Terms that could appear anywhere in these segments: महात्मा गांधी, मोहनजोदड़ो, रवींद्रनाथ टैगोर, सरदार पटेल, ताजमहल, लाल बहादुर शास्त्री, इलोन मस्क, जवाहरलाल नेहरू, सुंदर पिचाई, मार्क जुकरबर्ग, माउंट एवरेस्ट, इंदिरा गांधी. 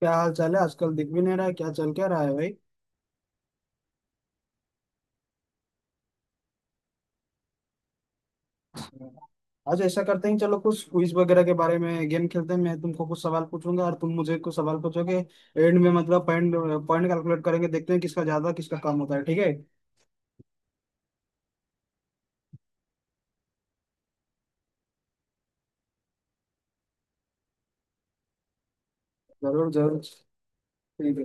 क्या हाल चाल है? आजकल दिख भी नहीं रहा है, क्या चल क्या रहा है भाई? आज ऐसा करते हैं, चलो कुछ क्विज वगैरह के बारे में गेम खेलते हैं। मैं तुमको कुछ सवाल पूछूंगा और तुम मुझे कुछ सवाल पूछोगे। एंड में मतलब पॉइंट पॉइंट कैलकुलेट करेंगे, देखते हैं किसका ज्यादा किसका कम होता है। ठीक है? जरूर जरूर। ठीक है,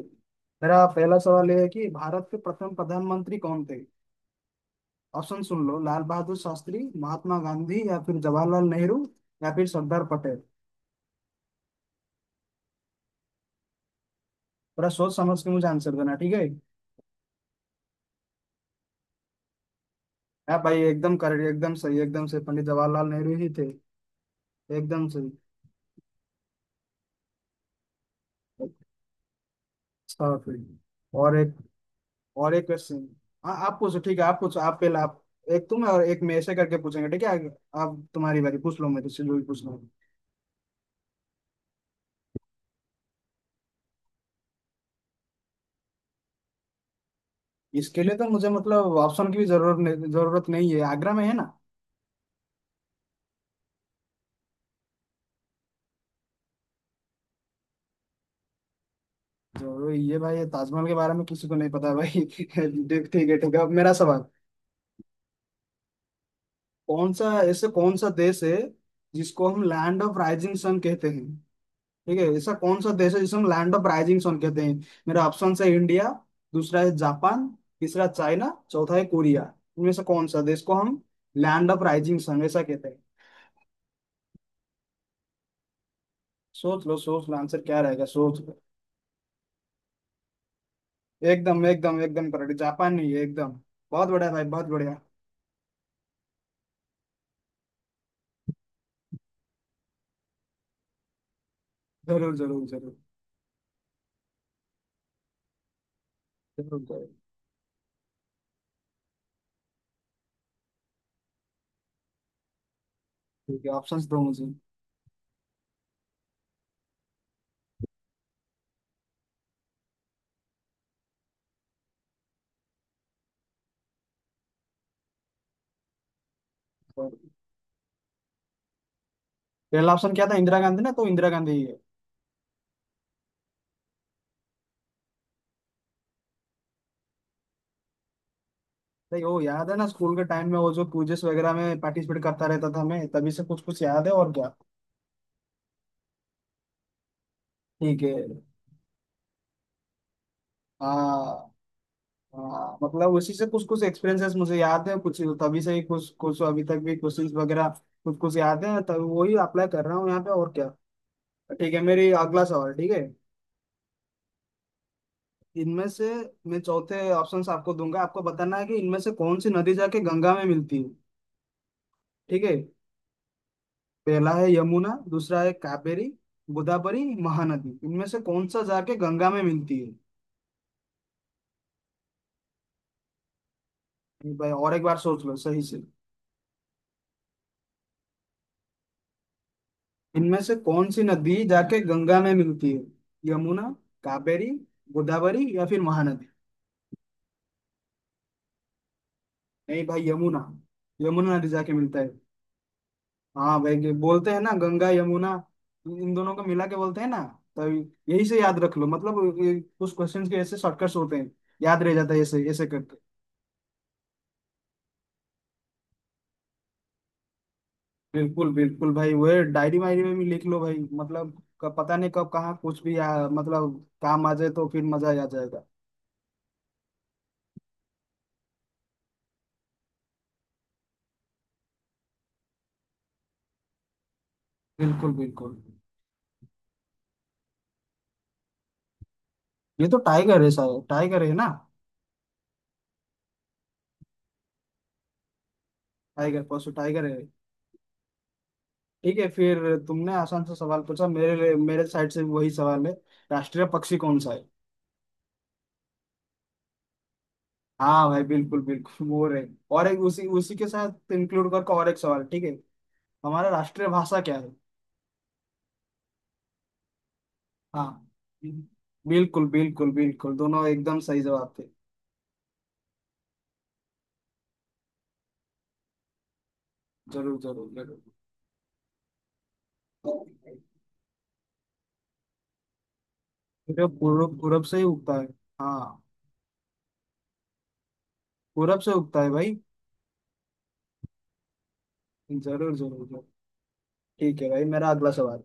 मेरा पहला सवाल ये है कि भारत के प्रथम प्रधानमंत्री कौन थे? ऑप्शन सुन लो, लाल बहादुर शास्त्री, महात्मा गांधी, या फिर जवाहरलाल नेहरू, या फिर सरदार पटेल। थोड़ा सोच समझ के मुझे आंसर देना, ठीक है? हाँ भाई, एकदम सही, एकदम सही, पंडित जवाहरलाल नेहरू ही थे। एकदम सही। अच्छा फिर, और एक और एक क्वेश्चन। हाँ आप पूछो, ठीक है आप पूछो, आप। एक तुम और एक मैं, ऐसे करके पूछेंगे, ठीक है? आप, तुम्हारी बारी, पूछ लो मेरे से जो भी पूछ लो। इसके लिए तो मुझे मतलब ऑप्शन की भी जरूरत नहीं है, आगरा में है ना। जरूर ये भाई, ये ताजमहल के बारे में किसी को नहीं पता है भाई। ठीक ठीक है, ठीक है, अब मेरा सवाल। कौन सा देश है जिसको हम लैंड ऑफ राइजिंग सन कहते हैं? ठीक है, ऐसा कौन सा देश है जिसे हम लैंड ऑफ राइजिंग सन कहते हैं? मेरा ऑप्शन है, इंडिया, दूसरा है जापान, तीसरा चाइना, चौथा है कोरिया। इनमें से कौन सा देश को हम लैंड ऑफ राइजिंग सन ऐसा कहते हैं? सोच लो, सोच लो, आंसर क्या रहेगा सोच लो। एकदम एकदम एकदम करेक्ट, जापान नहीं है एकदम। बहुत बढ़िया भाई, बहुत बढ़िया। जरूर जरूर जरूर। जरूर जरूर। ठीक है, ऑप्शन दो मुझे। पहला ऑप्शन क्या था? इंदिरा गांधी ना? तो इंदिरा गांधी ही है। नहीं, वो याद है ना, स्कूल के टाइम में वो जो क्विजेस वगैरह में पार्टिसिपेट करता रहता था मैं, तभी से कुछ कुछ याद है, और क्या। ठीक है। हाँ। हाँ मतलब उसी से कुछ कुछ एक्सपीरियंसेस मुझे याद है कुछ, तभी से ही कुछ कुछ अभी तक भी क्वेश्चंस वगैरह कुछ कुछ याद है, तभी वही अप्लाई कर रहा हूँ यहाँ पे, और क्या। ठीक है, मेरी अगला सवाल, ठीक है। इनमें से, मैं चौथे ऑप्शंस आपको दूंगा, आपको बताना है कि इनमें से कौन सी नदी जाके गंगा में मिलती है, ठीक है? पहला है यमुना, दूसरा है कावेरी, गोदावरी, महानदी। इनमें से कौन सा जाके गंगा में मिलती है? भाई और एक बार सोच लो सही से। इनमें से कौन सी नदी जाके गंगा में मिलती है? यमुना, कावेरी, गोदावरी, या फिर महानदी? नहीं भाई, यमुना, यमुना नदी जाके मिलता है। हाँ भाई, ये बोलते हैं ना गंगा यमुना, इन दोनों को मिला के बोलते हैं ना। तो यही से याद रख लो, मतलब ये कुछ क्वेश्चंस के ऐसे शॉर्टकट्स होते हैं, याद रह जाता है ऐसे ऐसे करके। बिल्कुल बिल्कुल भाई, वो डायरी वायरी में भी लिख लो भाई। मतलब पता नहीं कब कहाँ कुछ भी मतलब काम आ जाए तो फिर मजा आ जाएगा। बिल्कुल बिल्कुल। ये तो टाइगर है सर, टाइगर है ना? टाइगर, परसों, टाइगर है। ठीक है फिर, तुमने आसान सा सवाल पूछा, मेरे मेरे साइड से भी वही सवाल है, राष्ट्रीय पक्षी कौन सा है? हाँ भाई, बिल्कुल बिल्कुल मोर है। और एक, उसी उसी के साथ इंक्लूड करके और एक सवाल, ठीक है? हमारा राष्ट्रीय भाषा क्या है? हाँ बिल्कुल बिल्कुल बिल्कुल, दोनों एकदम सही जवाब थे। जरूर जरूर जरूर। जो पूर्व पूरब से ही उगता है। हाँ पूरब से उगता है भाई। जरूर जरूर जरूर। ठीक है भाई, मेरा अगला सवाल।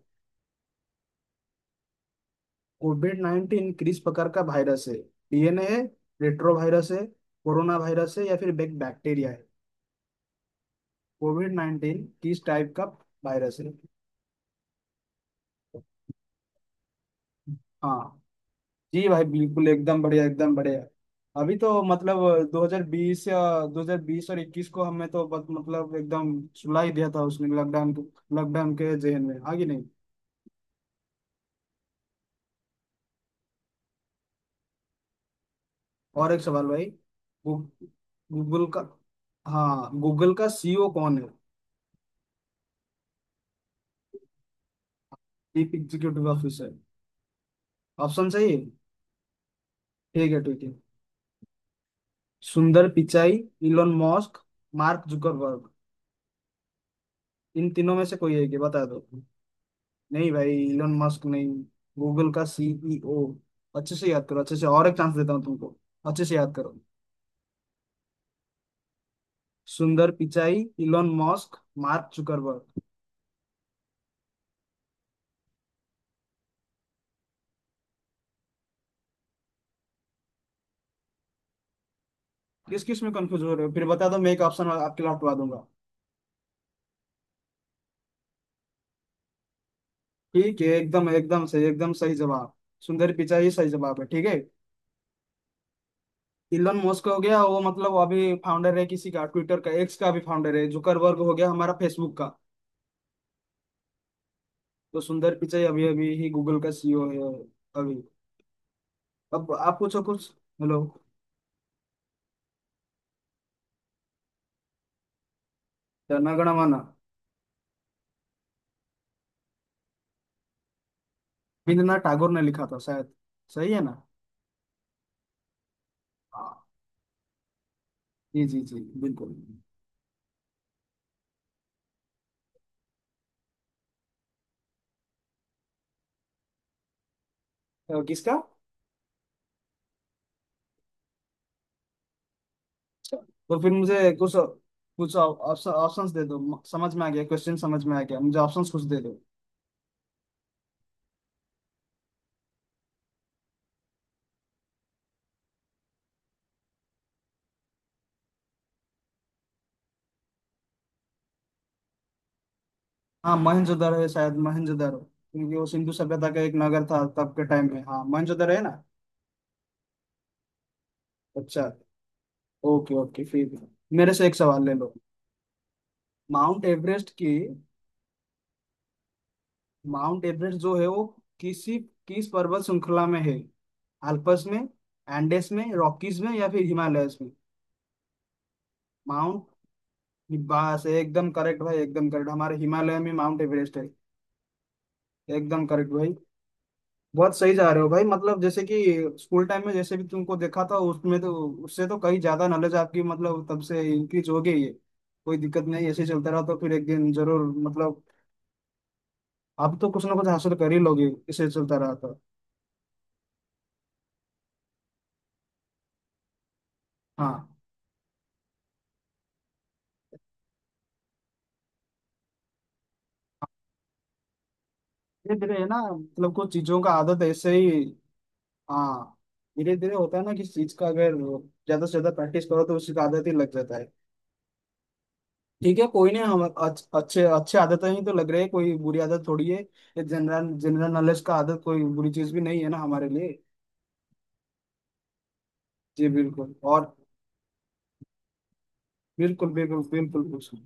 कोविड नाइन्टीन किस प्रकार का वायरस है? डीएनए है, रेट्रो वायरस है, कोरोना वायरस है, या फिर बैक्टीरिया है? कोविड नाइन्टीन किस टाइप का वायरस है? हाँ। जी भाई, बिल्कुल एकदम बढ़िया, एकदम बढ़िया। अभी तो मतलब 2020 या 2020 और 21 को हमें तो बस मतलब एकदम सुला ही दिया था उसने। लॉकडाउन, लॉकडाउन के जहन में आगे नहीं। और एक सवाल भाई, गूगल का, हाँ गूगल का सीईओ कौन है? चीफ एग्जीक्यूटिव ऑफिसर, ऑप्शन सही है? ठीक है ठीक है। सुंदर पिचाई, इलोन मस्क, मार्क जुकरबर्ग, इन तीनों में से कोई है कि बता दो। नहीं भाई, इलोन मस्क नहीं। गूगल का सीईओ, अच्छे से याद करो, अच्छे से, और एक चांस देता हूँ तुमको, अच्छे से याद करो। सुंदर पिचाई, इलोन मस्क, मार्क जुकरबर्ग। किस किस में कंफ्यूज हो रहे हो, फिर बता दो, मैं एक ऑप्शन आपके लौटवा दूंगा। ठीक है, एकदम एकदम सही, एकदम सही जवाब। सुंदर पिचाई सही जवाब है, ठीक है? इलोन मस्क हो गया वो मतलब अभी फाउंडर है किसी का, ट्विटर का, एक्स का भी फाउंडर है। जुकरबर्ग हो गया हमारा फेसबुक का। तो सुंदर पिचाई अभी अभी ही गूगल का सीईओ है अभी। अब आप पूछो कुछ। हेलो। जनगण मन रवींद्रनाथ टैगोर ने लिखा था शायद, सही है ना? हाँ। जी जी जी बिल्कुल। किसका? तो फिर मुझे कुछ कुछ ऑप्शंस दे दो। समझ में आ गया क्वेश्चन, समझ में आ गया, मुझे ऑप्शंस कुछ दे दो। हाँ मोहनजोदड़ो है शायद, मोहनजोदड़ो, क्योंकि वो सिंधु सभ्यता का एक नगर था तब के टाइम में। हाँ मोहनजोदड़ो है ना। अच्छा। ओके ओके फिर, मेरे से एक सवाल ले लो। माउंट एवरेस्ट की, माउंट एवरेस्ट जो है वो किसी किस पर्वत श्रृंखला में है? अल्पस में, एंडेस में, रॉकीज में, या फिर हिमालयस में? माउंट, बस एकदम करेक्ट भाई, एकदम करेक्ट, हमारे हिमालय में माउंट एवरेस्ट है। एकदम करेक्ट भाई। बहुत सही जा रहे हो भाई, मतलब जैसे कि स्कूल टाइम में जैसे भी तुमको देखा था उसमें, तो उससे तो कहीं ज्यादा नॉलेज आपकी, मतलब तब से इंक्रीज हो गई है। कोई दिक्कत नहीं, ऐसे ही चलता रहा तो फिर एक दिन जरूर, मतलब आप तो कुछ ना कुछ हासिल कर ही लोगे, इसे चलता रहा तो। हाँ। धीरे धीरे है ना, मतलब कुछ चीजों का आदत ऐसे ही। हाँ धीरे धीरे होता है ना किसी चीज का, अगर ज्यादा से ज्यादा प्रैक्टिस करो तो उसकी आदत ही लग जाता है। ठीक है, कोई नहीं, अच्छे अच्छे आदतें ही तो लग रहे हैं, कोई बुरी आदत थोड़ी है। ये जनरल जनरल नॉलेज का आदत कोई बुरी चीज भी नहीं है ना हमारे लिए। जी बिल्कुल, और बिल्कुल बिल्कुल बिल्कुल बिल्कुल।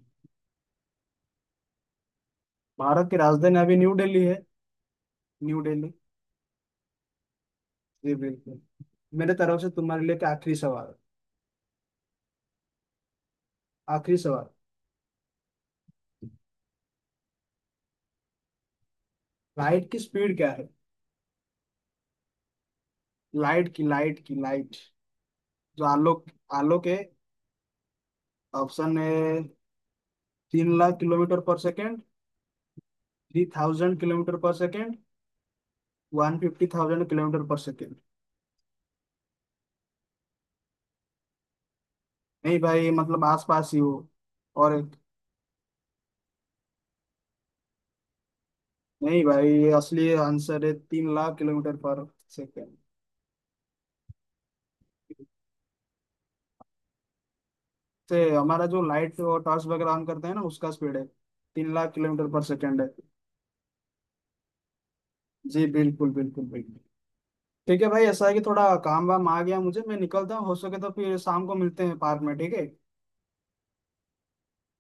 भारत की राजधानी अभी न्यू दिल्ली है। न्यू दिल्ली। जी बिल्कुल। मेरे तरफ से तुम्हारे लिए एक आखिरी सवाल, आखिरी सवाल, लाइट की स्पीड क्या है? लाइट, जो आलोक आलोक है। ऑप्शन है, 3 लाख किलोमीटर पर सेकेंड, 3000 किलोमीटर पर सेकेंड, 1,50,000 किलोमीटर पर सेकेंड। नहीं भाई, मतलब आसपास ही हो। और एक- नहीं भाई, ये असली आंसर है, 3 लाख किलोमीटर पर सेकेंड। से हमारा जो लाइट और टॉर्च वगैरह ऑन करते हैं ना, उसका स्पीड है 3 लाख किलोमीटर पर सेकेंड है। जी बिल्कुल बिल्कुल बिल्कुल। ठीक है भाई, ऐसा है कि थोड़ा काम वाम आ गया मुझे, मैं निकलता हूँ, हो सके तो फिर शाम को मिलते हैं पार्क में, ठीक है?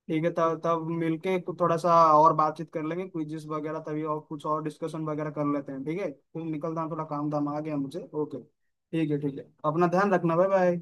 ठीक है तब तब मिलके थोड़ा सा और बातचीत कर लेंगे, क्विज़ वगैरह तभी, और कुछ और डिस्कशन वगैरह कर लेते हैं, ठीक है? फिर निकलता हूँ, थोड़ा काम धाम आ गया मुझे, ओके। ठीक है ठीक है, अपना ध्यान रखना, बाय बाय।